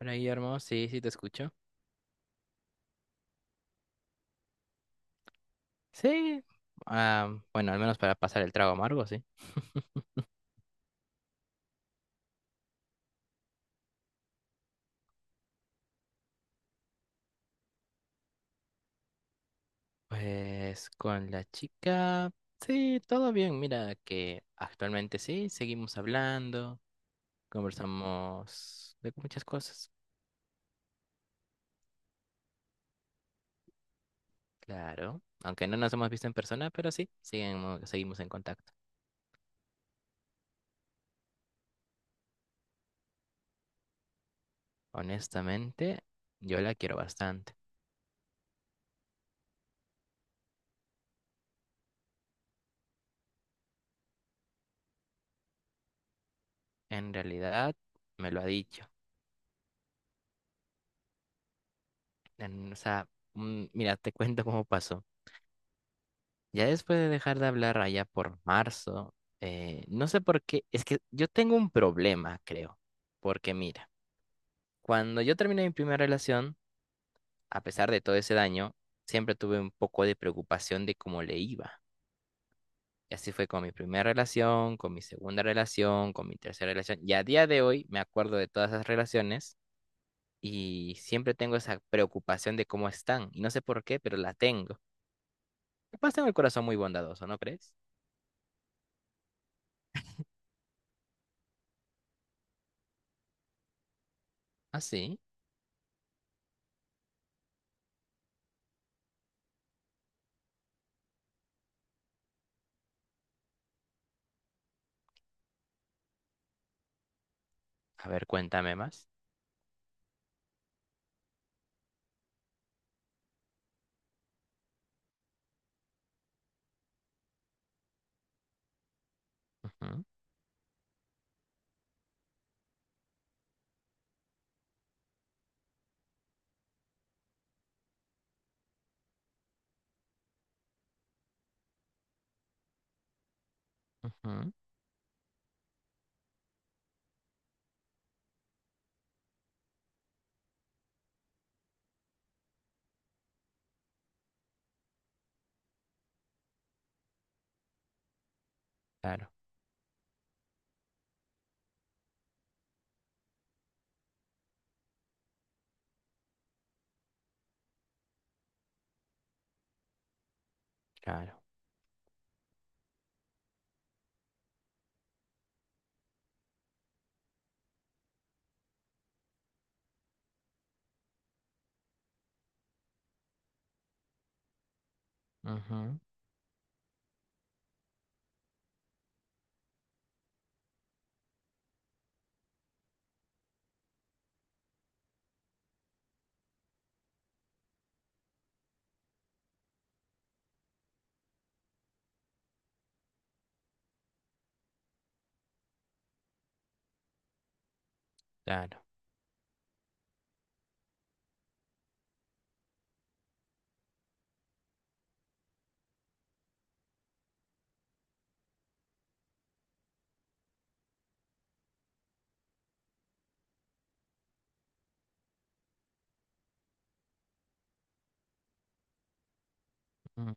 Hola Guillermo, sí, sí te escucho. Sí, ah, bueno, al menos para pasar el trago amargo, sí. Pues con la chica, sí, todo bien. Mira que actualmente sí, seguimos hablando, conversamos de muchas cosas, claro. Aunque no nos hemos visto en persona, pero sí, seguimos en contacto. Honestamente, yo la quiero bastante. En realidad, me lo ha dicho. En- o sea, Mira, te cuento cómo pasó. Ya después de dejar de hablar allá por marzo, no sé por qué, es que yo tengo un problema, creo, porque mira, cuando yo terminé mi primera relación, a pesar de todo ese daño, siempre tuve un poco de preocupación de cómo le iba. Y así fue con mi primera relación, con mi segunda relación, con mi tercera relación. Y a día de hoy me acuerdo de todas esas relaciones y siempre tengo esa preocupación de cómo están. Y no sé por qué, pero la tengo. Capaz tengo el corazón muy bondadoso, ¿no crees? Así. A ver, cuéntame más. Ujú, ujú, claro, claro. Ujú, claro. Mm,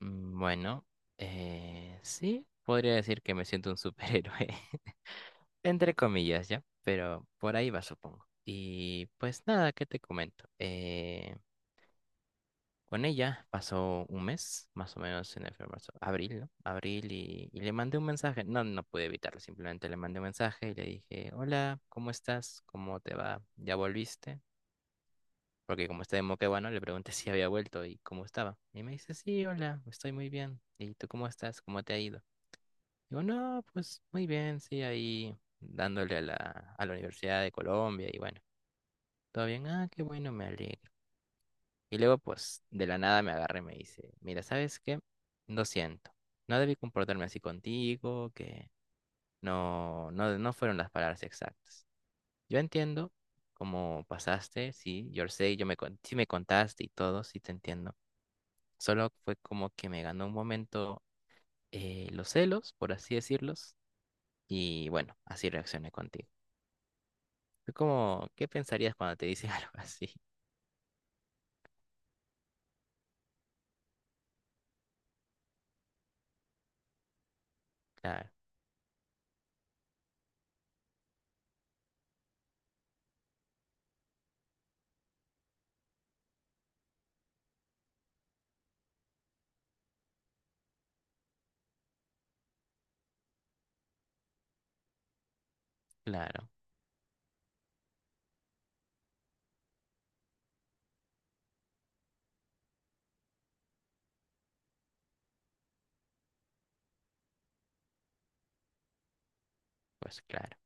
mm, bueno, sí, podría decir que me siento un superhéroe, entre comillas, ¿ya? Pero por ahí va, supongo. Y pues nada, ¿qué te comento? Con ella pasó un mes, más o menos en el febrero, marzo, abril, ¿no? Abril y le mandé un mensaje. No, no pude evitarlo, simplemente le mandé un mensaje y le dije, hola, ¿cómo estás? ¿Cómo te va? ¿Ya volviste? Porque como está de Moquegua, ¿no? Le pregunté si había vuelto y cómo estaba. Y me dice, sí, hola, estoy muy bien. ¿Y tú cómo estás? ¿Cómo te ha ido? Digo, no, pues muy bien, sí, ahí dándole a la Universidad de Colombia y bueno, todo bien, ah, qué bueno, me alegro. Y luego, pues, de la nada me agarra y me dice, mira, ¿sabes qué? Lo siento, no debí comportarme así contigo, que no, no, no fueron las palabras exactas. Yo entiendo cómo pasaste, sí, yo sé, sí me contaste y todo, sí te entiendo. Solo fue como que me ganó un momento los celos, por así decirlos, y bueno, así reaccioné contigo. Fue como, ¿qué pensarías cuando te dicen algo así? Claro, claro, pues claro,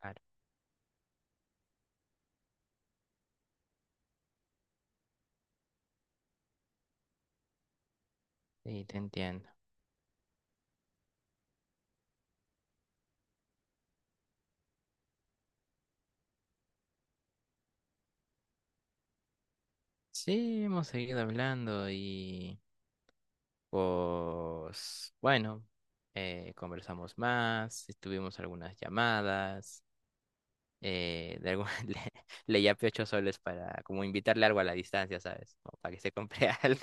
claro. Sí, te entiendo. Sí, hemos seguido hablando y pues bueno, conversamos más, tuvimos algunas llamadas, eh, de algún- le, le yapé 8 soles para como invitarle algo a la distancia, ¿sabes? Como para que se compre algo.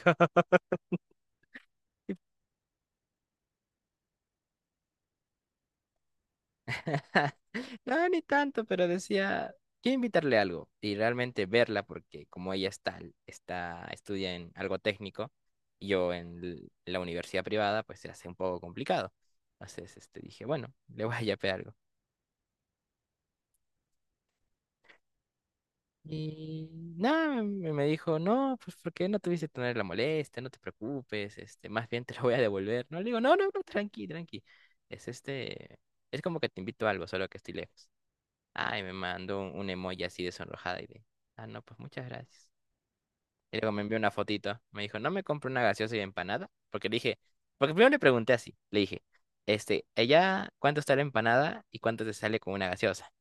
No, ni tanto, pero decía, quiero invitarle algo y realmente verla porque como ella está, estudia en algo técnico y yo en la universidad privada, pues se hace un poco complicado. Entonces, este, dije, bueno, le voy a yapear algo. Y nada, me dijo, no, pues porque no tuviste que tener la molestia, no te preocupes, este, más bien te lo voy a devolver. No, le digo, no, no, no, tranqui, tranqui. Es este, es como que te invito a algo, solo que estoy lejos. Ay, me mandó un emoji así de sonrojada y de, ah, no, pues muchas gracias. Y luego me envió una fotito. Me dijo, ¿no me compro una gaseosa y empanada? Porque le dije, porque primero le pregunté así. Le dije, este, ella, ¿cuánto está la empanada y cuánto te sale con una gaseosa?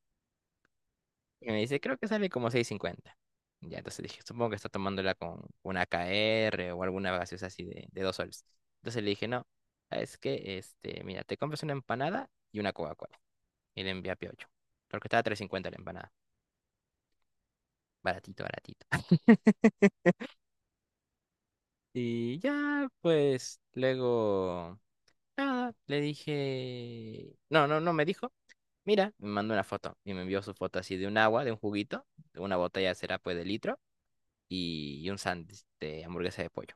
Y me dice, creo que sale como 6.50. Ya, entonces dije, supongo que está tomándola con una KR o alguna gaseosa así de 2 soles. Entonces le dije, no, es que, este, mira, te compras una empanada y una Coca-Cola. Y le envié a Piocho. Porque estaba 3.50 la empanada. Baratito, baratito. Y ya, pues luego, nada, le dije, no, no, no me dijo, mira, me mandó una foto y me envió su foto así de un agua, de un juguito, de una botella será pues de litro y un sándwich de hamburguesa de pollo.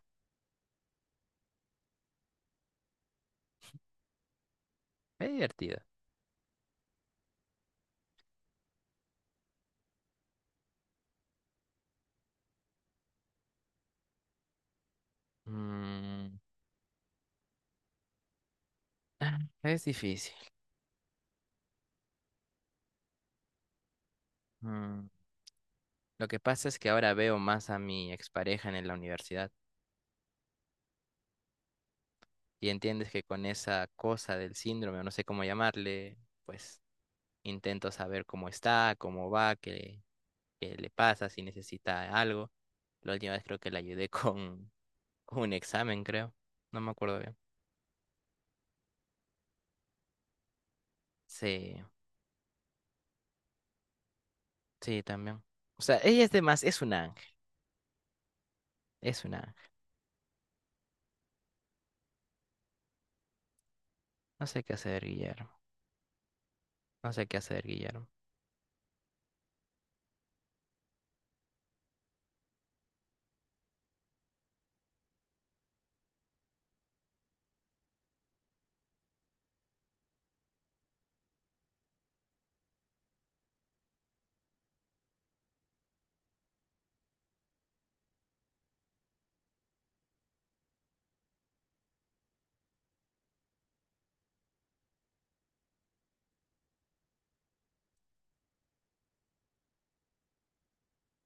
Es divertido. Mm, ah, es difícil. Mm, lo que pasa es que ahora veo más a mi expareja en la universidad y entiendes que con esa cosa del síndrome, o no sé cómo llamarle, pues intento saber cómo está, cómo va, que qué le pasa, si necesita algo. La última vez creo que le ayudé con un examen, creo. No me acuerdo bien. Sí, sí, también. O sea, ella es de más, es un ángel, es un ángel. No sé qué hacer, Guillermo. No sé qué hacer, Guillermo.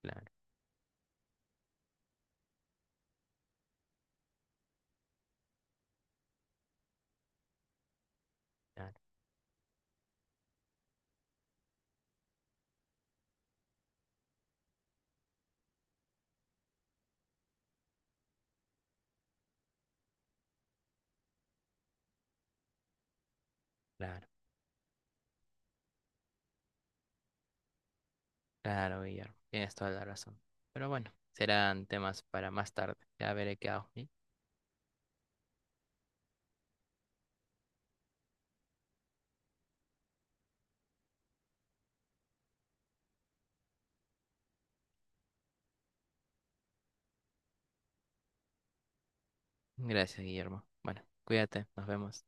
Claro, claro, claro, claro, Guillermo. Tienes toda la razón. Pero bueno, serán temas para más tarde. Ya veré qué hago. ¿Sí? Gracias, Guillermo. Bueno, cuídate, nos vemos.